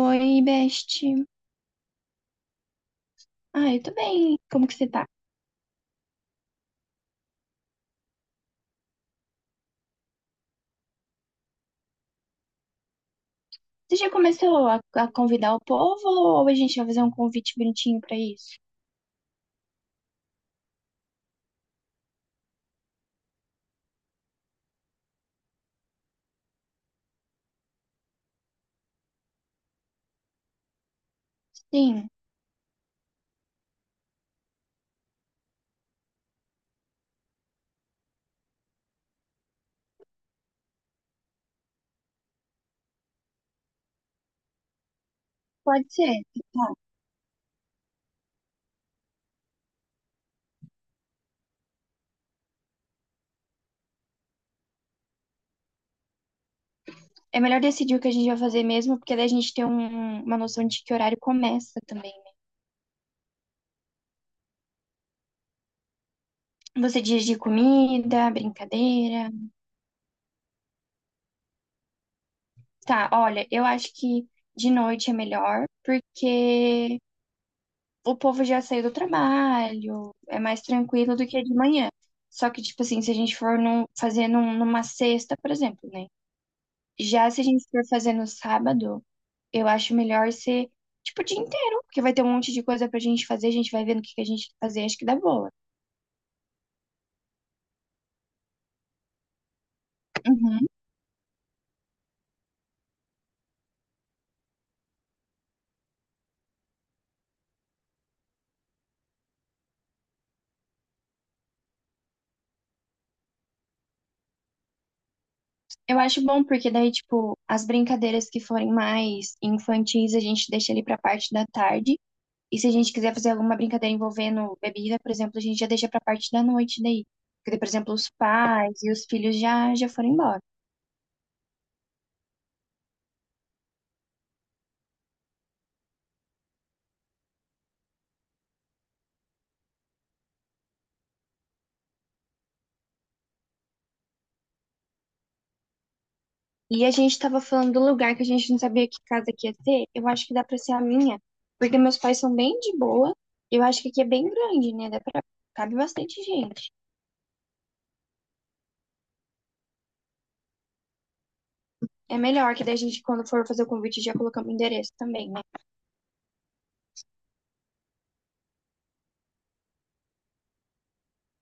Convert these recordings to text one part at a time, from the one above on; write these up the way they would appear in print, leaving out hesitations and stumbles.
Oi, Best. Ah, eu tô bem. Como que você tá? Você já começou a convidar o povo ou a gente vai fazer um convite bonitinho pra isso? Sim, pode ser. Tá. É melhor decidir o que a gente vai fazer mesmo, porque daí a gente tem uma noção de que horário começa também, né? Você diz de comida, brincadeira. Tá, olha, eu acho que de noite é melhor, porque o povo já saiu do trabalho, é mais tranquilo do que de manhã. Só que, tipo assim, se a gente for fazer numa sexta, por exemplo, né? Já se a gente for fazer no sábado, eu acho melhor ser, tipo, o dia inteiro, porque vai ter um monte de coisa pra gente fazer, a gente vai vendo o que que a gente quer fazer, acho que dá boa. Uhum. Eu acho bom, porque daí, tipo, as brincadeiras que forem mais infantis, a gente deixa ali pra parte da tarde. E se a gente quiser fazer alguma brincadeira envolvendo bebida, por exemplo, a gente já deixa pra parte da noite daí. Porque, por exemplo, os pais e os filhos já foram embora. E a gente tava falando do lugar que a gente não sabia que casa que ia ser. Eu acho que dá pra ser a minha, porque meus pais são bem de boa. Eu acho que aqui é bem grande, né? Dá pra... Cabe bastante gente. É melhor que daí a gente, quando for fazer o convite, já colocamos o endereço também, né?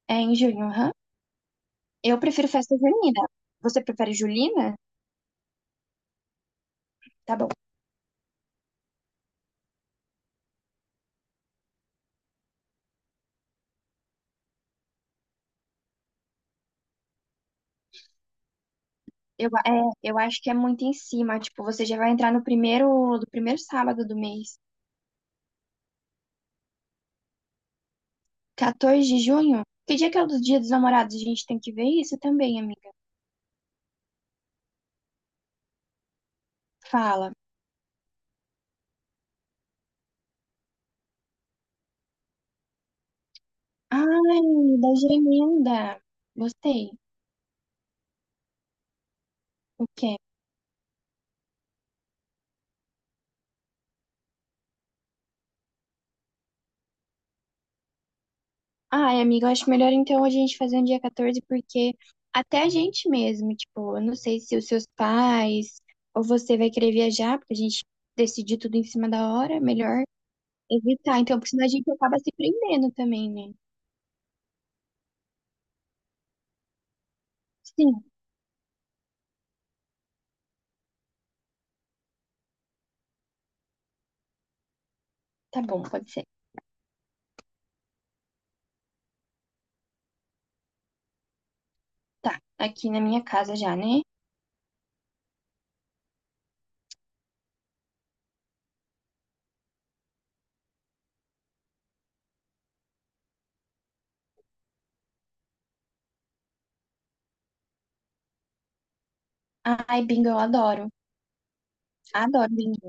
É em junho, aham. Eu prefiro festa junina. Você prefere julina? Tá bom. Eu acho que é muito em cima. Tipo, você já vai entrar no primeiro, do primeiro sábado do mês. 14 de junho? Que dia que é o do Dia dos Namorados? A gente tem que ver isso também, amiga. Fala. Ai, da gemenda. Gostei. O quê? Ai, amiga, eu acho melhor então a gente fazer um dia 14, porque até a gente mesmo, tipo, eu não sei se os seus pais ou você vai querer viajar, porque a gente decidir tudo em cima da hora, melhor evitar. Então, porque senão a gente acaba se prendendo também, né? Sim. Tá bom, pode ser. Tá, aqui na minha casa já, né? Ai, bingo, eu adoro. Adoro bingo.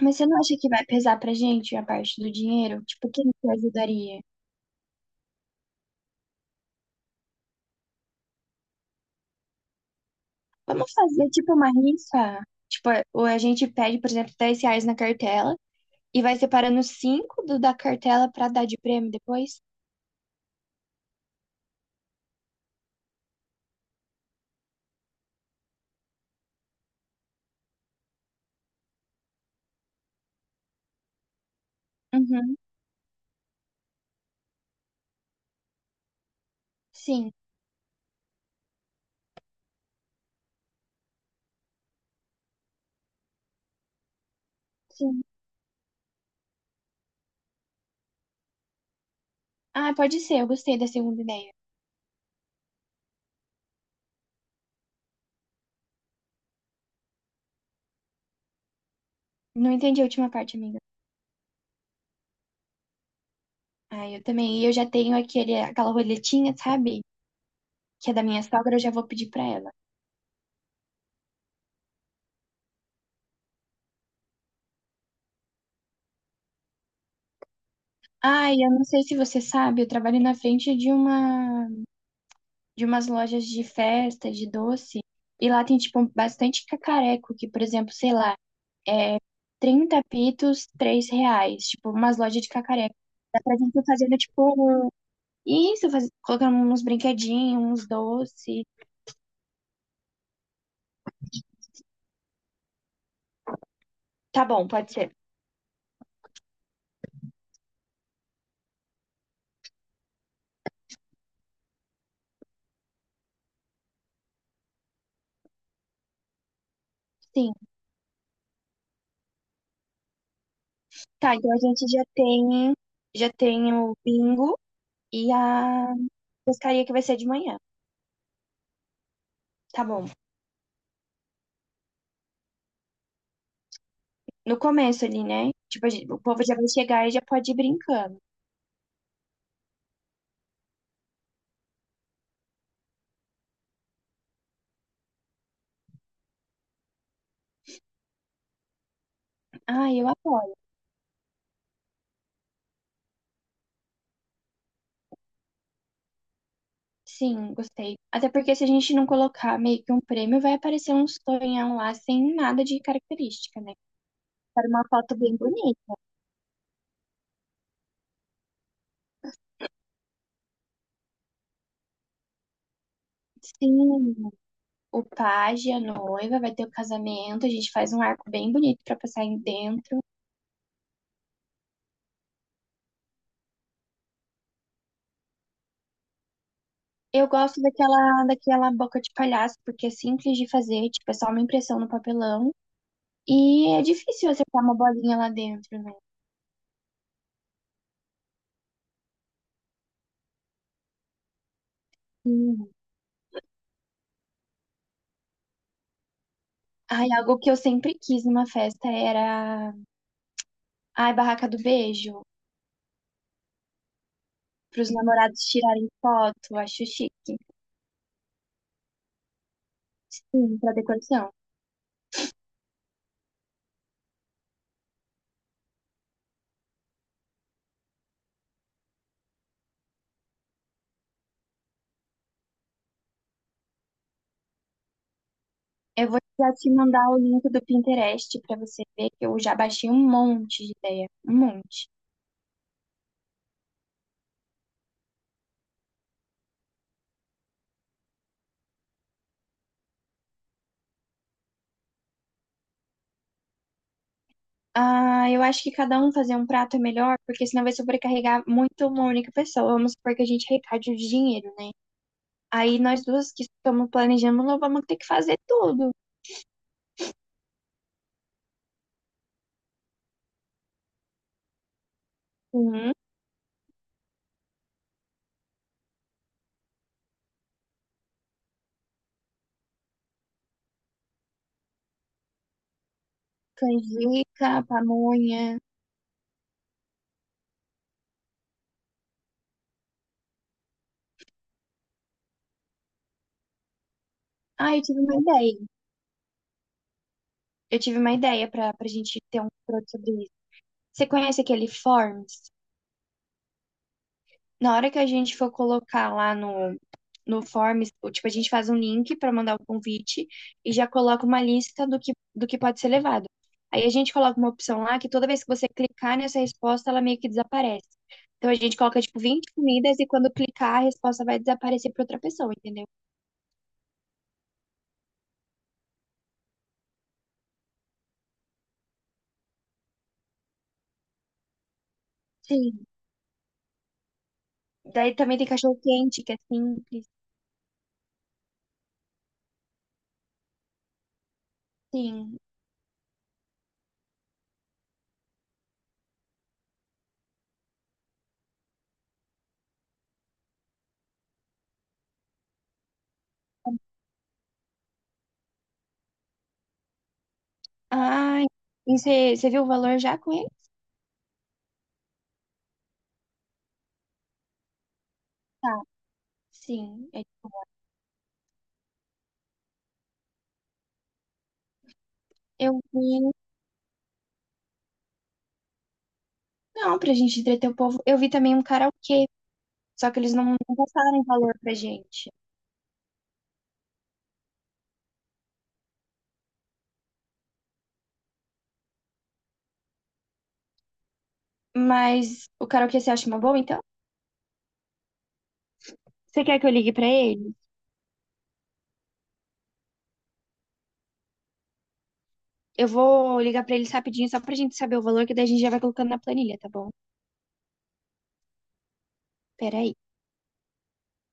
Mas você não acha que vai pesar pra gente a parte do dinheiro? Tipo, quem que ajudaria? Vamos fazer tipo uma rifa? Tipo, ou a gente pede, por exemplo, 10 reais na cartela e vai separando 5 da cartela pra dar de prêmio depois? Uhum. Sim, sim. Ah, pode ser, eu gostei da segunda ideia. Não entendi a última parte, amiga. Ah, eu também. E eu já tenho aquela roletinha, sabe? Que é da minha sogra, eu já vou pedir pra ela. Ai, eu não sei se você sabe, eu trabalho na frente de uma de umas lojas de festa, de doce, e lá tem tipo bastante cacareco, que por exemplo, sei lá, 30 pitos, 3 reais, tipo umas lojas de cacareco. Dá pra gente ir fazendo tipo isso, faz... colocando uns brinquedinhos, uns doces. Tá bom, pode ser. Sim. Tá, então a gente já tem o bingo e a pescaria que vai ser de manhã. Tá bom. No começo ali, né? Tipo, o povo já vai chegar e já pode ir brincando. Ah, eu apoio. Sim, gostei. Até porque se a gente não colocar meio que um prêmio, vai aparecer um sonhão lá sem nada de característica, né? Para uma foto bem bonita. Sim, o pajem, a noiva, vai ter o casamento, a gente faz um arco bem bonito para passar aí dentro. Eu gosto daquela boca de palhaço, porque é simples de fazer, tipo, é só uma impressão no papelão. E é difícil acertar uma bolinha lá dentro, né? Sim. Ai, algo que eu sempre quis numa festa era. Ai, barraca do beijo. Para os namorados tirarem foto, acho chique. Sim, para decoração. Eu vou já te mandar o link do Pinterest para você ver que eu já baixei um monte de ideia. Um monte. Ah, eu acho que cada um fazer um prato é melhor, porque senão vai sobrecarregar muito uma única pessoa. Vamos supor que a gente arrecade o dinheiro, né? Aí nós duas que estamos planejando, nós vamos ter que fazer tudo. Uhum. Canjica, pamonha. Ah, eu tive uma ideia. Eu tive uma ideia para a gente ter um produto sobre isso. Você conhece aquele Forms? Na hora que a gente for colocar lá no Forms, tipo, a gente faz um link para mandar o convite e já coloca uma lista do do que pode ser levado. Aí a gente coloca uma opção lá que toda vez que você clicar nessa resposta, ela meio que desaparece. Então a gente coloca, tipo, 20 comidas e quando clicar, a resposta vai desaparecer para outra pessoa, entendeu? Sim. Daí também tem cachorro quente, que é simples. Sim. Ai, e você viu o valor já com ele? Tá. Sim. Eu vi. Não, pra gente entreter o povo. Eu vi também um karaokê. Só que eles não passaram valor pra gente. Mas o karaokê você acha uma boa, então? Você quer que eu ligue pra ele? Eu vou ligar pra eles rapidinho, só pra gente saber o valor, que daí a gente já vai colocando na planilha, tá bom? Peraí.